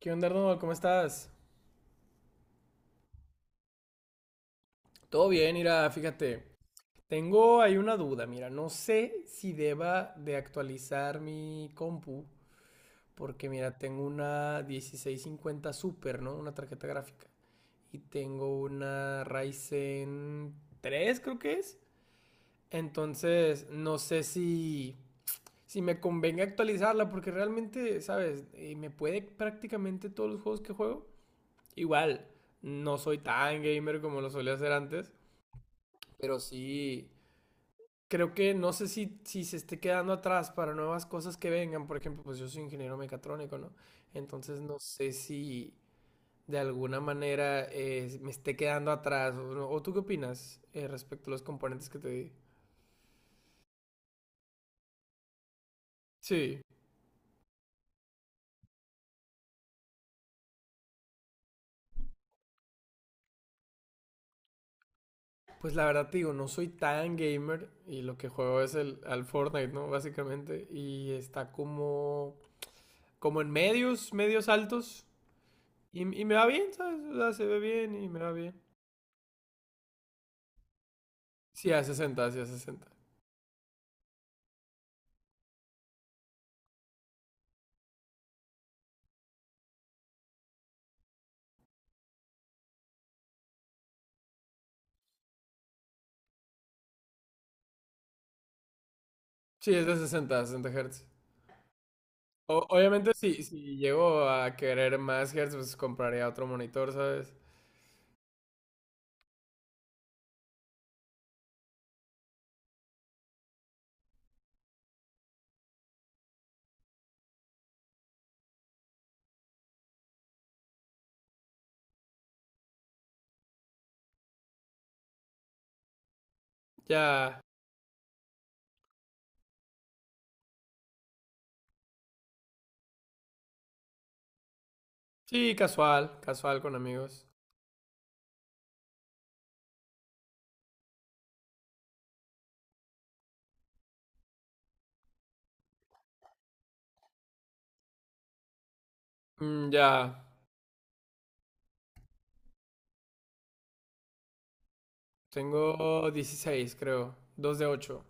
¿Qué onda, Arnold? ¿Cómo estás? Todo bien, mira, fíjate. Tengo ahí una duda, mira, no sé si deba de actualizar mi compu, porque mira, tengo una 1650 Super, ¿no? Una tarjeta gráfica. Y tengo una Ryzen 3, creo que es. Entonces, no sé si me convenga actualizarla, porque realmente, ¿sabes? Me puede prácticamente todos los juegos que juego. Igual, no soy tan gamer como lo solía hacer antes. Pero sí, creo que no sé si se esté quedando atrás para nuevas cosas que vengan. Por ejemplo, pues yo soy ingeniero mecatrónico, ¿no? Entonces no sé si de alguna manera me esté quedando atrás. ¿O, no? ¿O tú qué opinas respecto a los componentes que te di? Sí, pues la verdad te digo, no soy tan gamer y lo que juego es al Fortnite, ¿no? Básicamente. Y está como en medios altos. Y me va bien, ¿sabes? O sea, se ve bien y me va bien. Sí, a 60 sí, a 60. Sí, es de sesenta Hz. Obviamente, si llego a querer más Hz, pues compraría otro monitor, ¿sabes? Ya. Sí, casual, casual con amigos. Mm, ya. Tengo 16, creo. Dos de ocho.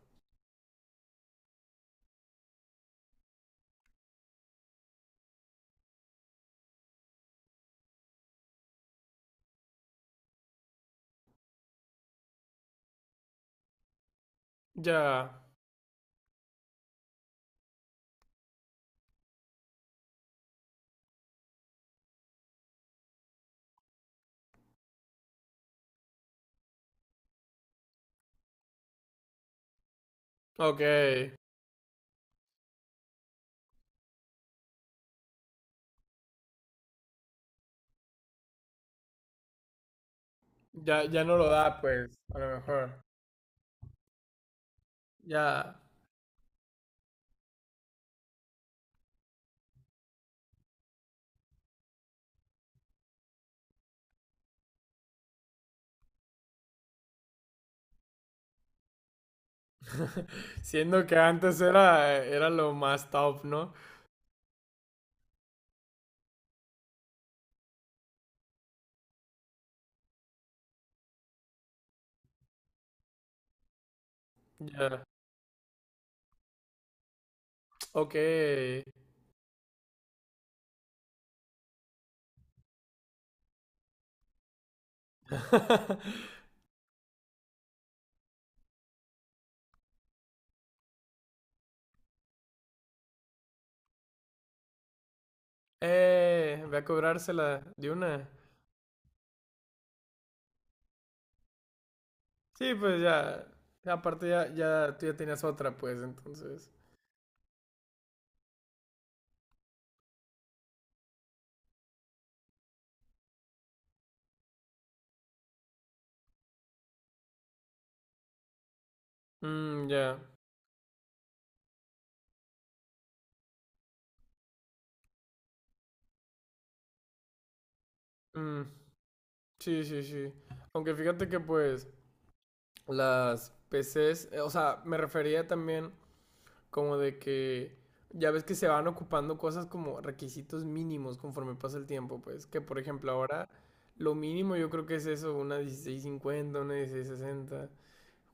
Ya. Ok. Ya, ya no lo da, pues, a lo mejor. Ya. Siendo que antes era lo más top, ¿no? Ya. Ok. Voy a cobrársela de una. Sí, pues ya. Ya, aparte ya, ya tú ya tenías otra, pues, entonces. Mm, ya. Mm, sí, sí, sí. Aunque fíjate que pues las PCs, o sea, me refería también como de que ya ves que se van ocupando cosas como requisitos mínimos conforme pasa el tiempo, pues, que por ejemplo ahora lo mínimo yo creo que es eso, una 1650, una 1660.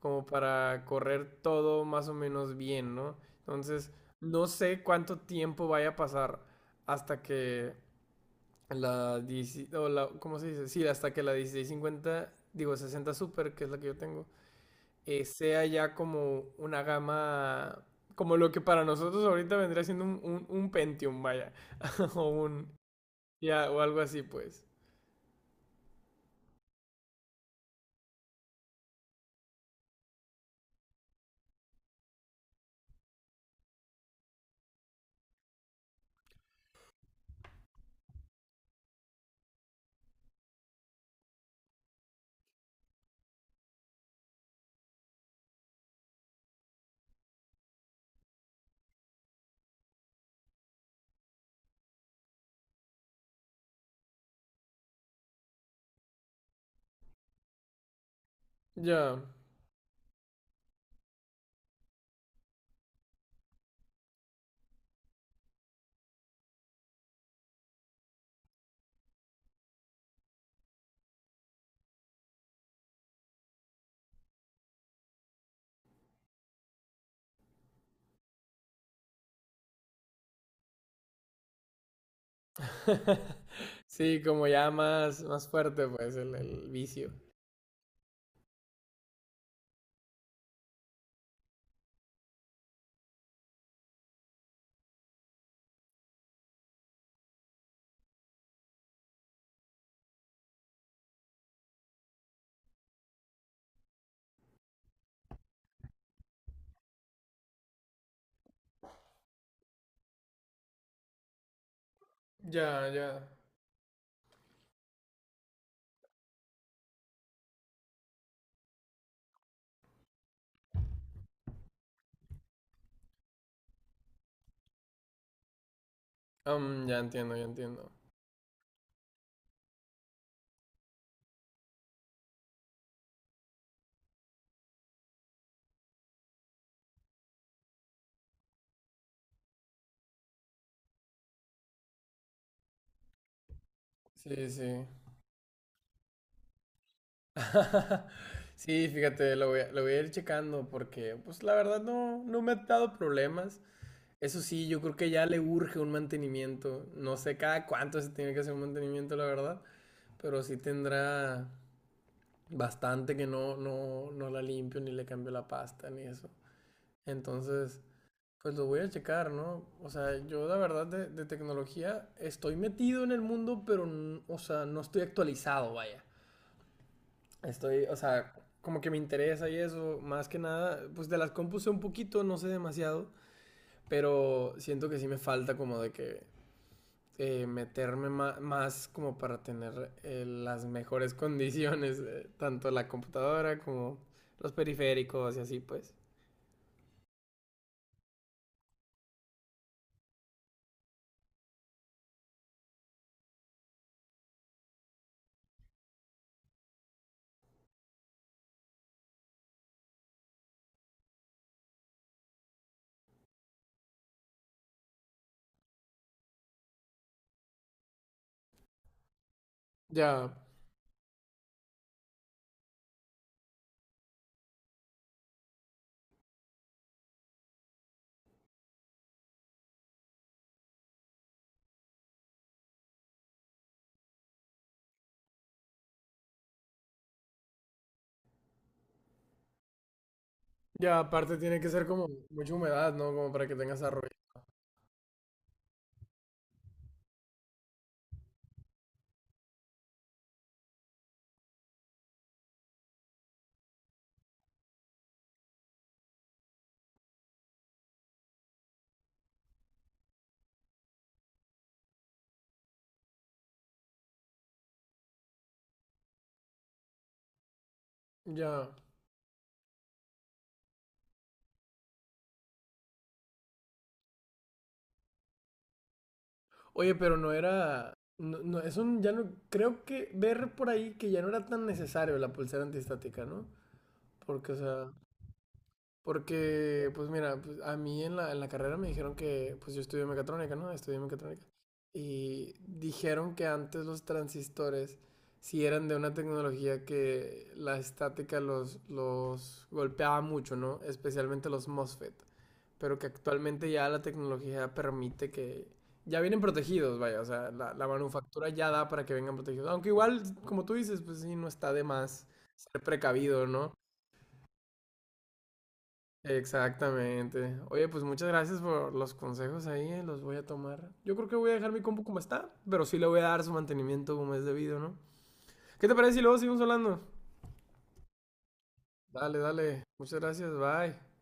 Como para correr todo más o menos bien, ¿no? Entonces, no sé cuánto tiempo vaya a pasar hasta que la 16 o ¿cómo se dice? Sí, hasta que la 1650, digo 60 Super, que es la que yo tengo, sea ya como una gama, como lo que para nosotros ahorita vendría siendo un Pentium, vaya, o un, ya, o algo así, pues. Ya. Sí, como ya más, más fuerte, pues, el vicio. Ya, ya. Ya entiendo, ya entiendo. Sí, sí. Sí, fíjate, lo voy a ir checando porque, pues la verdad no me ha dado problemas. Eso sí, yo creo que ya le urge un mantenimiento. No sé cada cuánto se tiene que hacer un mantenimiento, la verdad, pero sí tendrá bastante que no la limpio ni le cambio la pasta ni eso. Entonces, pues lo voy a checar, ¿no? O sea, yo la verdad de tecnología estoy metido en el mundo, pero, o sea, no estoy actualizado, vaya. Estoy, o sea, como que me interesa y eso, más que nada, pues de las compus sé un poquito, no sé demasiado, pero siento que sí me falta como de que meterme más como para tener las mejores condiciones, tanto la computadora como los periféricos y así pues. Ya, ya, aparte tiene que ser como mucha humedad, ¿no? Como para que tengas arroyo. Ya. Oye, pero no era... No, no, eso ya no... Creo que ver por ahí que ya no era tan necesario la pulsera antiestática, ¿no? Porque, o sea, porque, pues mira, pues, a mí en la carrera me dijeron que, pues yo estudié mecatrónica, ¿no? Estudié mecatrónica. Y dijeron que antes los transistores, si eran de una tecnología que la estática los golpeaba mucho, ¿no? Especialmente los MOSFET. Pero que actualmente ya la tecnología permite que... Ya vienen protegidos, vaya, o sea, la manufactura ya da para que vengan protegidos. Aunque igual, como tú dices, pues sí, no está de más ser precavido, ¿no? Exactamente. Oye, pues muchas gracias por los consejos ahí, Los voy a tomar. Yo creo que voy a dejar mi compu como está, pero sí le voy a dar su mantenimiento como es debido, ¿no? ¿Qué te parece si luego seguimos hablando? Dale, dale. Muchas gracias, bye.